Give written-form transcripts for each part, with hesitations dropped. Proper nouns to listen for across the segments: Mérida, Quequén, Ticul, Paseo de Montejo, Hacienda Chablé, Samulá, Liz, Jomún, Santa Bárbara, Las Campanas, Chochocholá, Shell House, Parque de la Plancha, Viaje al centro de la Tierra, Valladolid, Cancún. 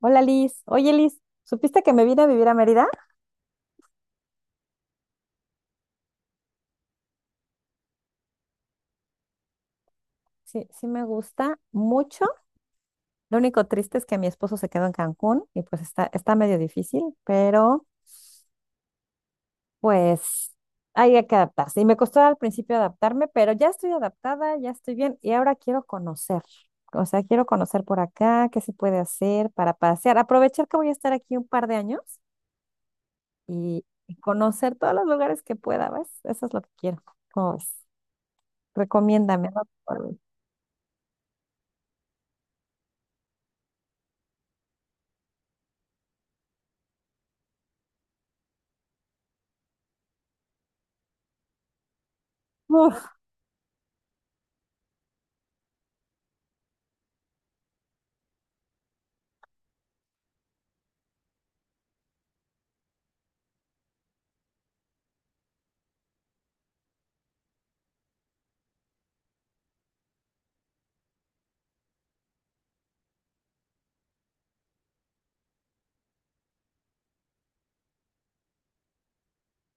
Hola Liz. Oye Liz, ¿supiste que me vine a vivir a Mérida? Sí, sí me gusta mucho. Lo único triste es que mi esposo se quedó en Cancún y pues está medio difícil, pero pues hay que adaptarse. Y me costó al principio adaptarme, pero ya estoy adaptada, ya estoy bien y ahora quiero conocer. O sea, quiero conocer por acá, qué se puede hacer para pasear. Aprovechar que voy a estar aquí un par de años y conocer todos los lugares que pueda, ¿ves? Eso es lo que quiero. ¿Cómo ves? Recomiéndame, ¿no? Uf.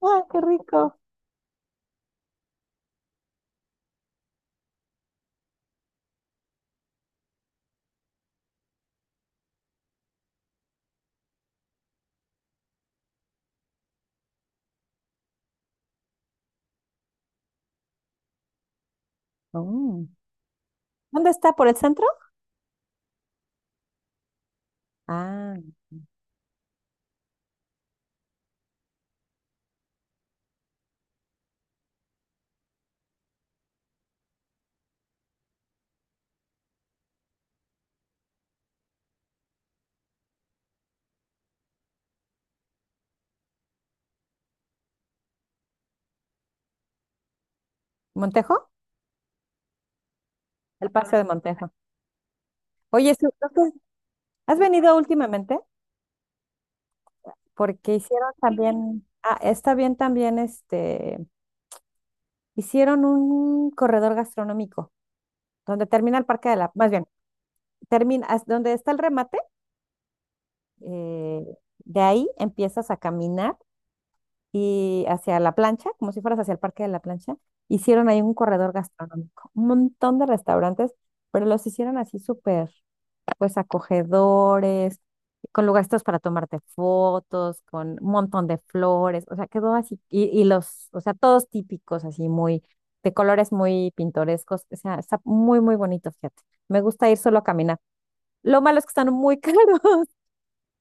¡Ah, qué rico! Oh. ¿Dónde está? ¿Por el centro? Ah, ¿Montejo? El Paseo de Montejo. Oye, Su, entonces, ¿has venido últimamente? Porque hicieron, sí, también, ah, está bien también, este, hicieron un corredor gastronómico donde termina el Parque de la, más bien, termina, donde está el remate, eh, de ahí empiezas a caminar y hacia la plancha, como si fueras hacia el Parque de la Plancha, hicieron ahí un corredor gastronómico, un montón de restaurantes, pero los hicieron así súper. Pues acogedores, con lugares para tomarte fotos, con un montón de flores, o sea, quedó así, y los, o sea, todos típicos, así muy, de colores muy pintorescos, o sea, está muy, muy bonito, fíjate. Me gusta ir solo a caminar. Lo malo es que están muy caros.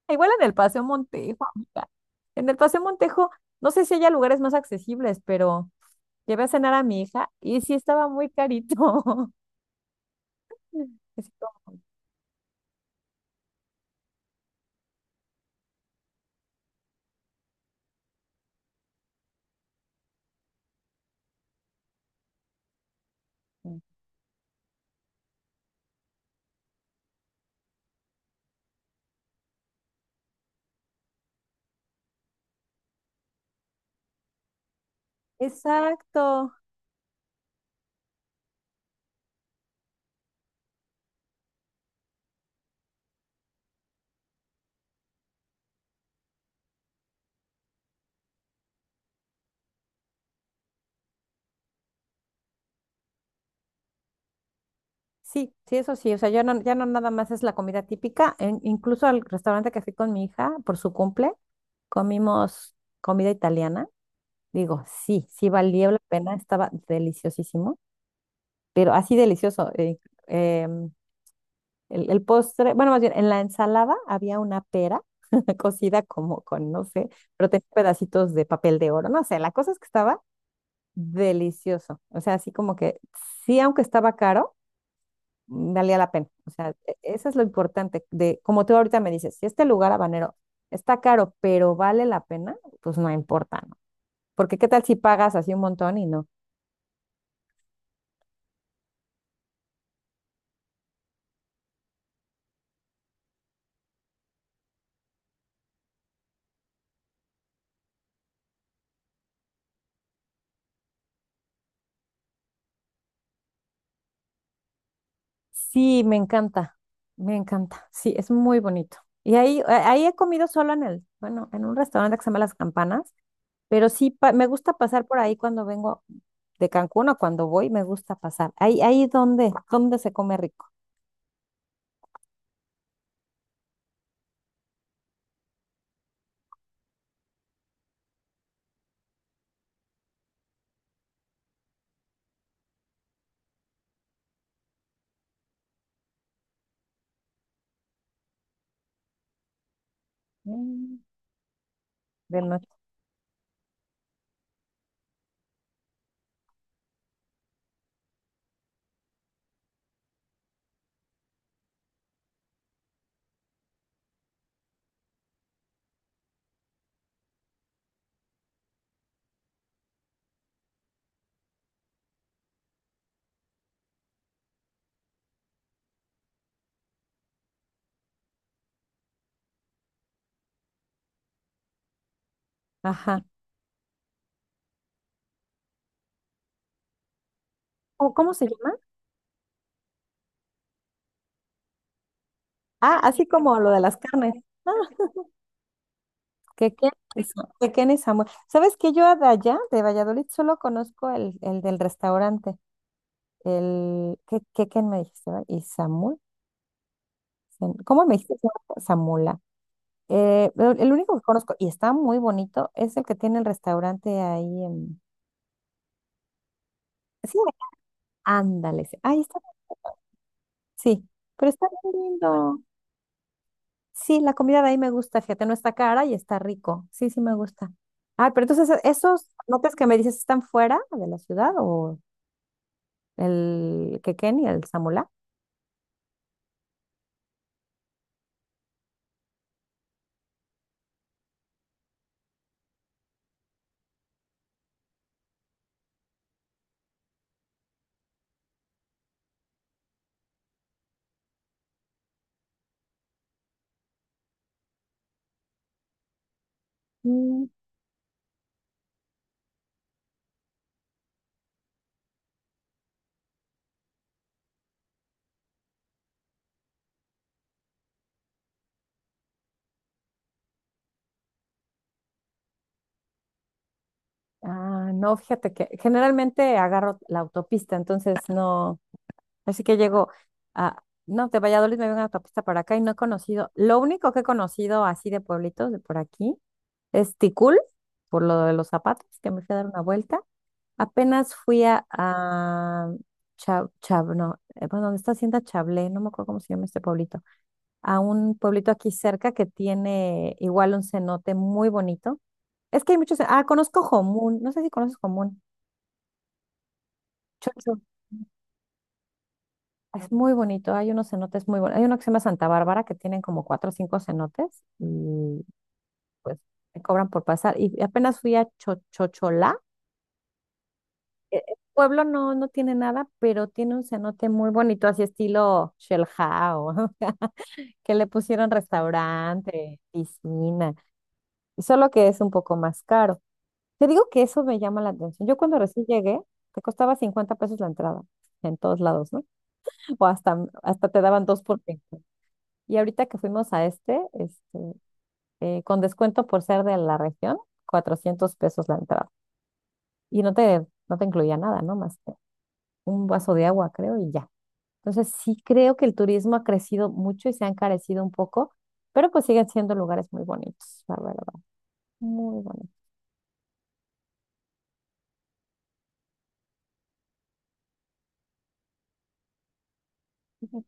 Igual en el Paseo Montejo, amiga. En el Paseo Montejo, no sé si haya lugares más accesibles, pero llevé a cenar a mi hija y sí estaba muy carito. Así como. Exacto. Sí, sí, eso sí, o sea, ya no, ya no nada más es la comida típica, incluso al restaurante que fui con mi hija por su cumple, comimos comida italiana, digo, sí, sí valió la pena, estaba deliciosísimo, pero así delicioso. Em, el postre, bueno, más bien, en la ensalada había una pera cocida como con, no sé, pero tenía pedacitos de papel de oro, no sé, la cosa es que estaba delicioso, o sea, así como que sí, aunque estaba caro valía la pena. O sea, eso es lo importante de, como tú ahorita me dices, si este lugar habanero está caro, pero vale la pena, pues no importa, ¿no? Porque qué tal si pagas así un montón y no. Sí, me encanta, me encanta. Sí, es muy bonito. Y ahí, ahí he comido solo en el, bueno, en un restaurante que se llama Las Campanas, pero sí me gusta pasar por ahí cuando vengo de Cancún o cuando voy, me gusta pasar. Ahí donde se come rico. Mm. De noche. Ajá. ¿Cómo se llama? Ah, así como lo de las carnes. Ah, que Ken, que Ken y Samuel. ¿Sabes que yo de allá, de Valladolid, solo conozco el del restaurante? El que Ken me dijiste, ¿verdad? Y Samuel. ¿Cómo me dijiste? Samula. Pero el único que conozco, y está muy bonito, es el que tiene el restaurante ahí en. Sí, ándale. Sí. Ahí está. Sí, pero está bien lindo. Sí, la comida de ahí me gusta, fíjate, no está cara y está rico. Sí, sí me gusta. Ah, pero entonces, ¿esos notas que me dices están fuera de la ciudad o el Quequén y el Samulá? Mm, ah, no, fíjate que generalmente agarro la autopista, entonces no, así que llego a, no, de Valladolid me vengo a autopista para acá y no he conocido, lo único que he conocido así de pueblitos de por aquí es Ticul, por lo de los zapatos, que me fui a dar una vuelta. Apenas fui no, bueno, ¿dónde está Hacienda Chablé? No me acuerdo cómo se llama este pueblito. A un pueblito aquí cerca que tiene igual un cenote muy bonito. Es que hay muchos. Ah, conozco Jomún. No sé si conoces Jomún. Chocho. Es muy bonito. Hay unos cenotes muy buenos. Hay uno que se llama Santa Bárbara que tienen como cuatro o cinco cenotes y pues me cobran por pasar. Y apenas fui a Chochocholá. El pueblo no tiene nada, pero tiene un cenote muy bonito, así estilo Shell House, que le pusieron restaurante, piscina, solo que es un poco más caro. Te digo que eso me llama la atención. Yo cuando recién llegué, te costaba 50 pesos la entrada, en todos lados, ¿no? O hasta, hasta te daban dos por cinco. Y ahorita que fuimos a este, con descuento por ser de la región, 400 pesos la entrada. Y no te, no te incluía nada, ¿no? Más que un vaso de agua, creo, y ya. Entonces, sí creo que el turismo ha crecido mucho y se ha encarecido un poco, pero pues siguen siendo lugares muy bonitos, la verdad, muy bonitos. Ujú.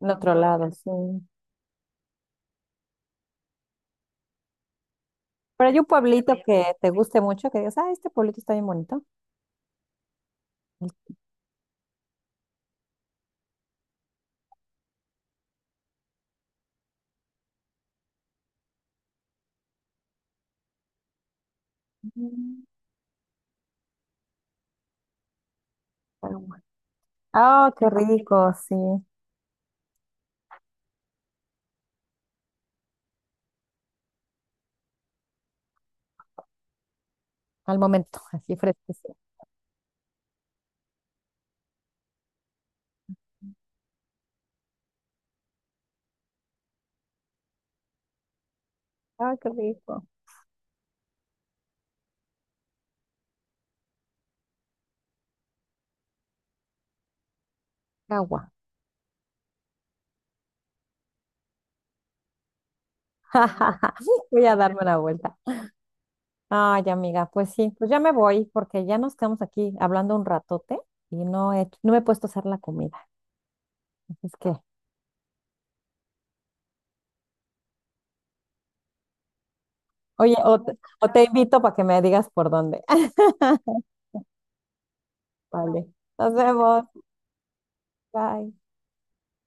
En otro lado, sí. Pero hay un pueblito que te guste mucho, que digas, ah, este pueblito está bien bonito. Mm, Paloma. Ah, qué rico, sí. Al momento, así fresquísimo. Ah, qué rico. Agua. Voy a darme una vuelta. Ay, amiga, pues sí, pues ya me voy porque ya nos quedamos aquí hablando un ratote y no me he puesto a hacer la comida. Así es que, oye, o te invito para que me digas por dónde. Vale, nos vemos. Bye.